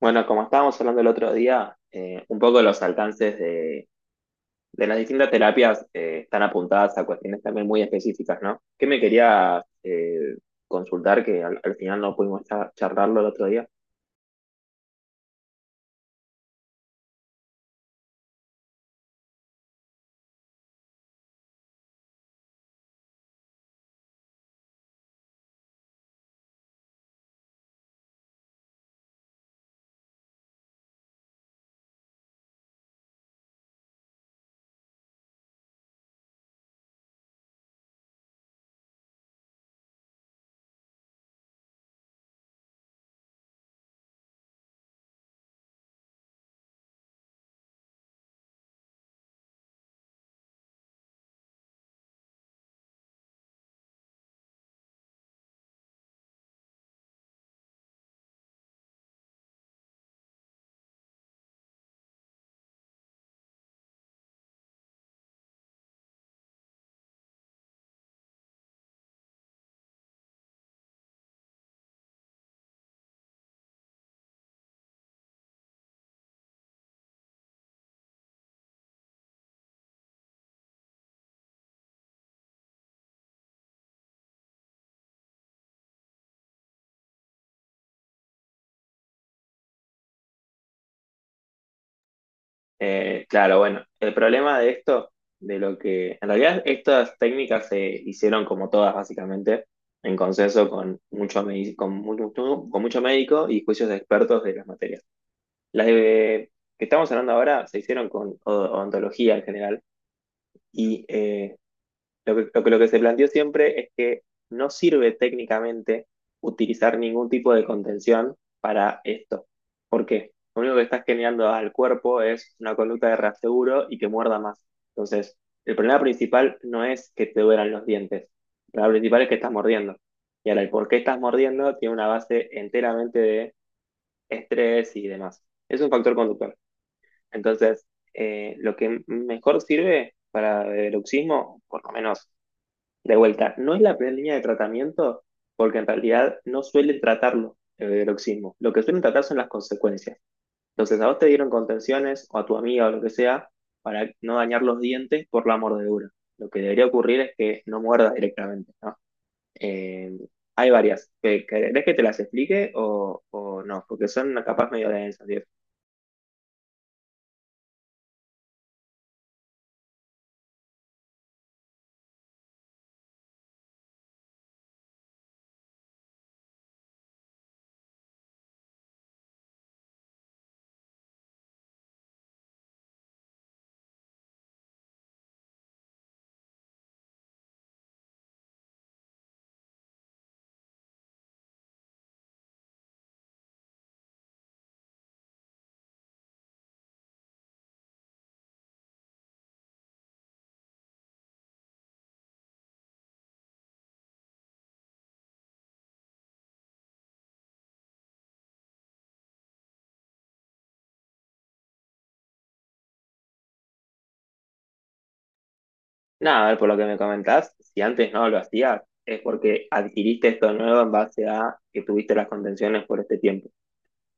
Bueno, como estábamos hablando el otro día, un poco los alcances de las distintas terapias están apuntadas a cuestiones también muy específicas, ¿no? ¿Qué me quería consultar que al final no pudimos charlarlo el otro día? Claro, bueno, el problema de esto, de lo que en realidad estas técnicas se hicieron como todas básicamente en consenso con mucho, medi- con mucho médico y juicios de expertos de las materias. Las de, que estamos hablando ahora se hicieron con odontología en general. Y lo que se planteó siempre es que no sirve técnicamente utilizar ningún tipo de contención para esto. ¿Por qué? Lo único que estás generando al cuerpo es una conducta de reaseguro y que muerda más. Entonces, el problema principal no es que te duelan los dientes. El problema principal es que estás mordiendo. Y ahora, el por qué estás mordiendo tiene una base enteramente de estrés y demás. Es un factor conductual. Entonces, lo que mejor sirve para bruxismo, por lo menos de vuelta, no es la primera línea de tratamiento, porque en realidad no suelen tratarlo el bruxismo. Lo que suelen tratar son las consecuencias. Entonces, a vos te dieron contenciones o a tu amiga o lo que sea para no dañar los dientes por la mordedura. Lo que debería ocurrir es que no muerdas directamente, ¿no? Eh, hay varias. ¿Querés que te las explique o no? Porque son capaz medio densas, ¿sí? Nada, a ver, por lo que me comentás, si antes no lo hacías, es porque adquiriste esto nuevo en base a que tuviste las contenciones por este tiempo.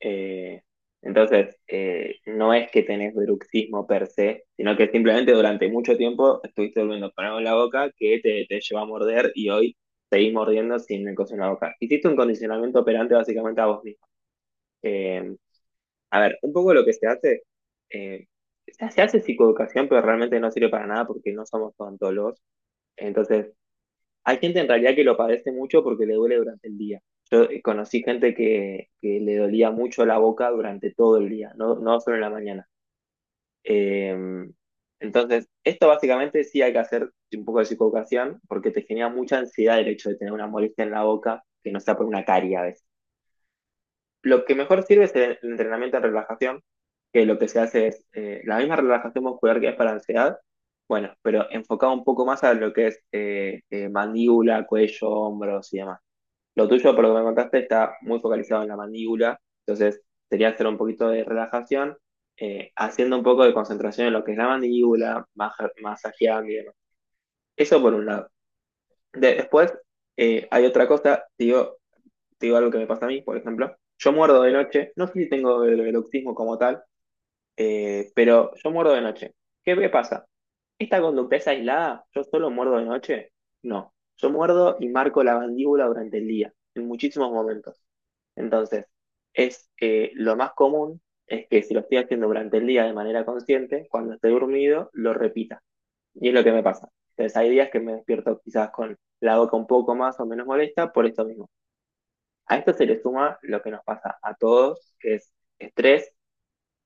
Eh, entonces, no es que tenés bruxismo per se, sino que simplemente durante mucho tiempo estuviste volviendo para en la boca que te llevó a morder y hoy seguís mordiendo sin el coso en la boca. Hiciste un condicionamiento operante básicamente a vos mismo. Eh, a ver, un poco lo que se hace, eh, se hace psicoeducación, pero realmente no sirve para nada porque no somos odontólogos. Entonces, hay gente en realidad que lo padece mucho porque le duele durante el día. Yo conocí gente que le dolía mucho la boca durante todo el día, no, no solo en la mañana. Eh, entonces, esto básicamente sí hay que hacer un poco de psicoeducación porque te genera mucha ansiedad el hecho de tener una molestia en la boca que no sea por una carie a veces. Lo que mejor sirve es el entrenamiento en relajación, que lo que se hace es la misma relajación muscular que es para ansiedad, bueno, pero enfocado un poco más a lo que es mandíbula, cuello, hombros y demás. Lo tuyo, por lo que me contaste, está muy focalizado en la mandíbula, entonces sería hacer un poquito de relajación, haciendo un poco de concentración en lo que es la mandíbula, masajeando y demás. Eso por un lado. De- después, hay otra cosa, te digo algo que me pasa a mí, por ejemplo. Yo muerdo de noche, no sé si tengo el bruxismo como tal, pero yo muerdo de noche. ¿Qué me pasa? ¿Esta conducta es aislada? ¿Yo solo muerdo de noche? No, yo muerdo y marco la mandíbula durante el día, en muchísimos momentos. Entonces, es lo más común es que si lo estoy haciendo durante el día de manera consciente, cuando esté dormido, lo repita. Y es lo que me pasa. Entonces, hay días que me despierto quizás con la boca un poco más o menos molesta por esto mismo. A esto se le suma lo que nos pasa a todos, que es estrés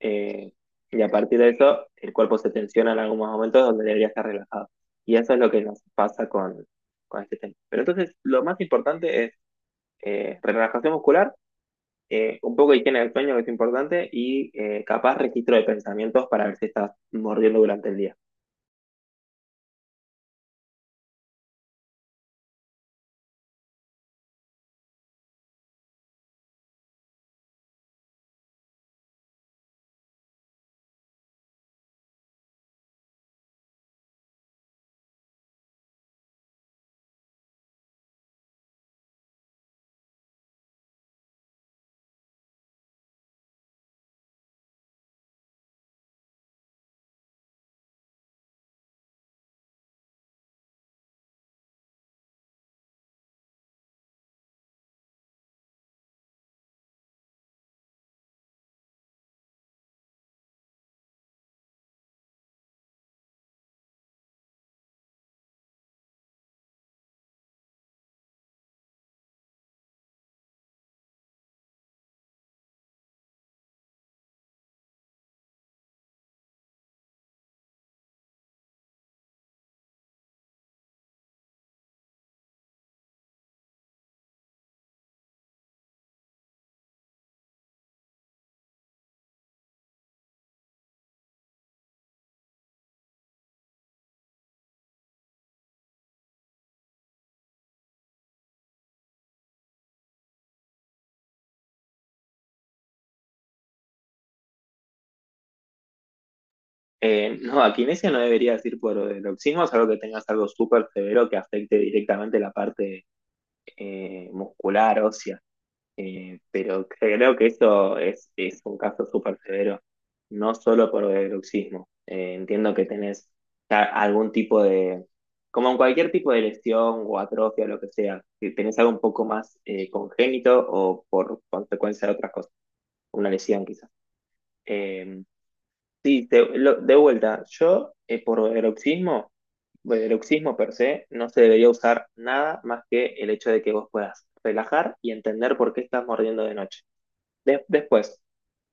eh, y a partir de eso, el cuerpo se tensiona en algunos momentos donde debería estar relajado. Y eso es lo que nos pasa con este tema. Pero entonces, lo más importante es relajación muscular, un poco de higiene del sueño, que es importante, y capaz registro de pensamientos para ver si estás mordiendo durante el día. No, a kinesia no deberías ir por el oxismo, salvo que tengas algo súper severo que afecte directamente la parte muscular, ósea. Pero creo que eso es un caso súper severo, no solo por bruxismo. Entiendo que tenés ya algún tipo de, como en cualquier tipo de lesión o atrofia, lo que sea, que tenés algo un poco más congénito o por consecuencia de otras cosas, una lesión quizás. Eh, sí, de, de vuelta, yo por bruxismo, bruxismo per se, no se debería usar nada más que el hecho de que vos puedas relajar y entender por qué estás mordiendo de noche. De- después,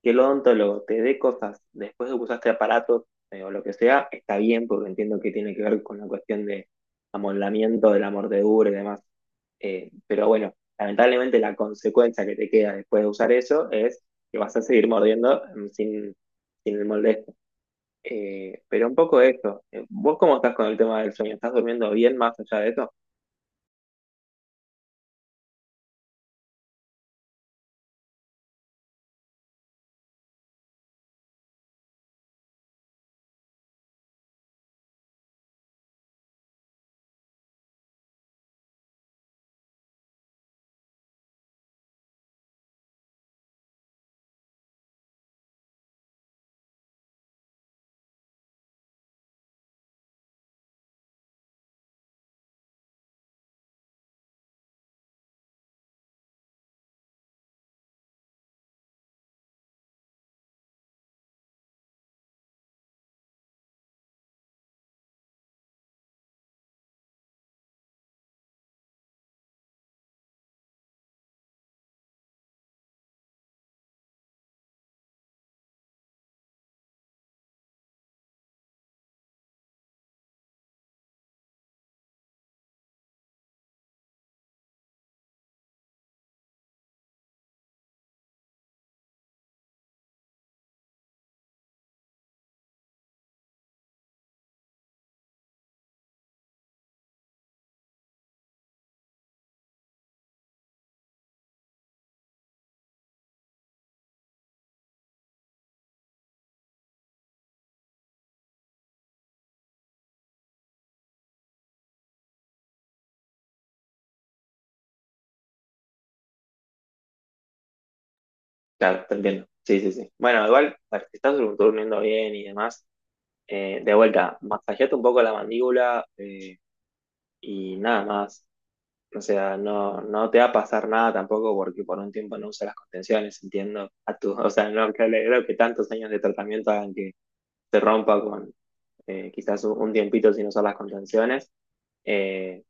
que el odontólogo te dé cosas después de que usaste aparatos o lo que sea, está bien porque entiendo que tiene que ver con la cuestión de amoldamiento de la mordedura y demás. Pero bueno, lamentablemente la consecuencia que te queda después de usar eso es que vas a seguir mordiendo sin el molde. Este. Pero un poco de esto, ¿vos cómo estás con el tema del sueño? ¿Estás durmiendo bien más allá de eso? Claro, te entiendo. Sí, sí, sí. Bueno, igual, a ver, si estás durmiendo bien y demás, de vuelta, masajeate un poco la mandíbula y nada más. O sea, no, no te va a pasar nada tampoco porque por un tiempo no usas las contenciones, entiendo. A tu, o sea, no creo, creo que tantos años de tratamiento hagan que te rompa con quizás un tiempito sin usar las contenciones. Eh,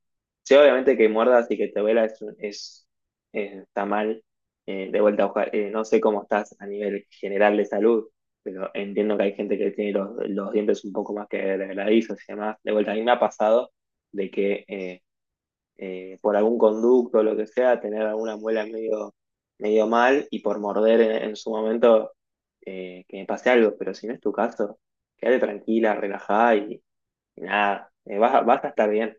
sí, obviamente que muerdas y que te duela está mal. De vuelta, no sé cómo estás a nivel general de salud, pero entiendo que hay gente que tiene los dientes un poco más que degradizos y demás. De vuelta, a mí me ha pasado de que por algún conducto o lo que sea, tener alguna muela medio, medio mal y por morder en su momento que me pase algo, pero si no es tu caso, quédate tranquila, relajada y nada, vas, vas a estar bien.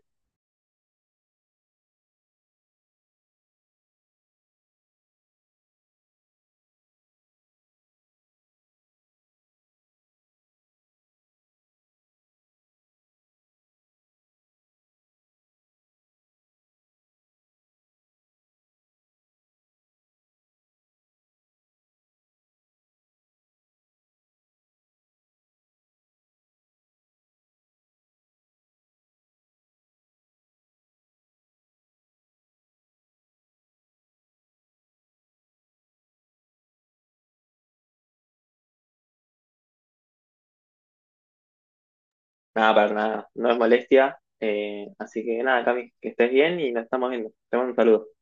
Nada, para nada, no es molestia. Así que nada, Cami, que estés bien y nos estamos viendo. Te mando un saludo.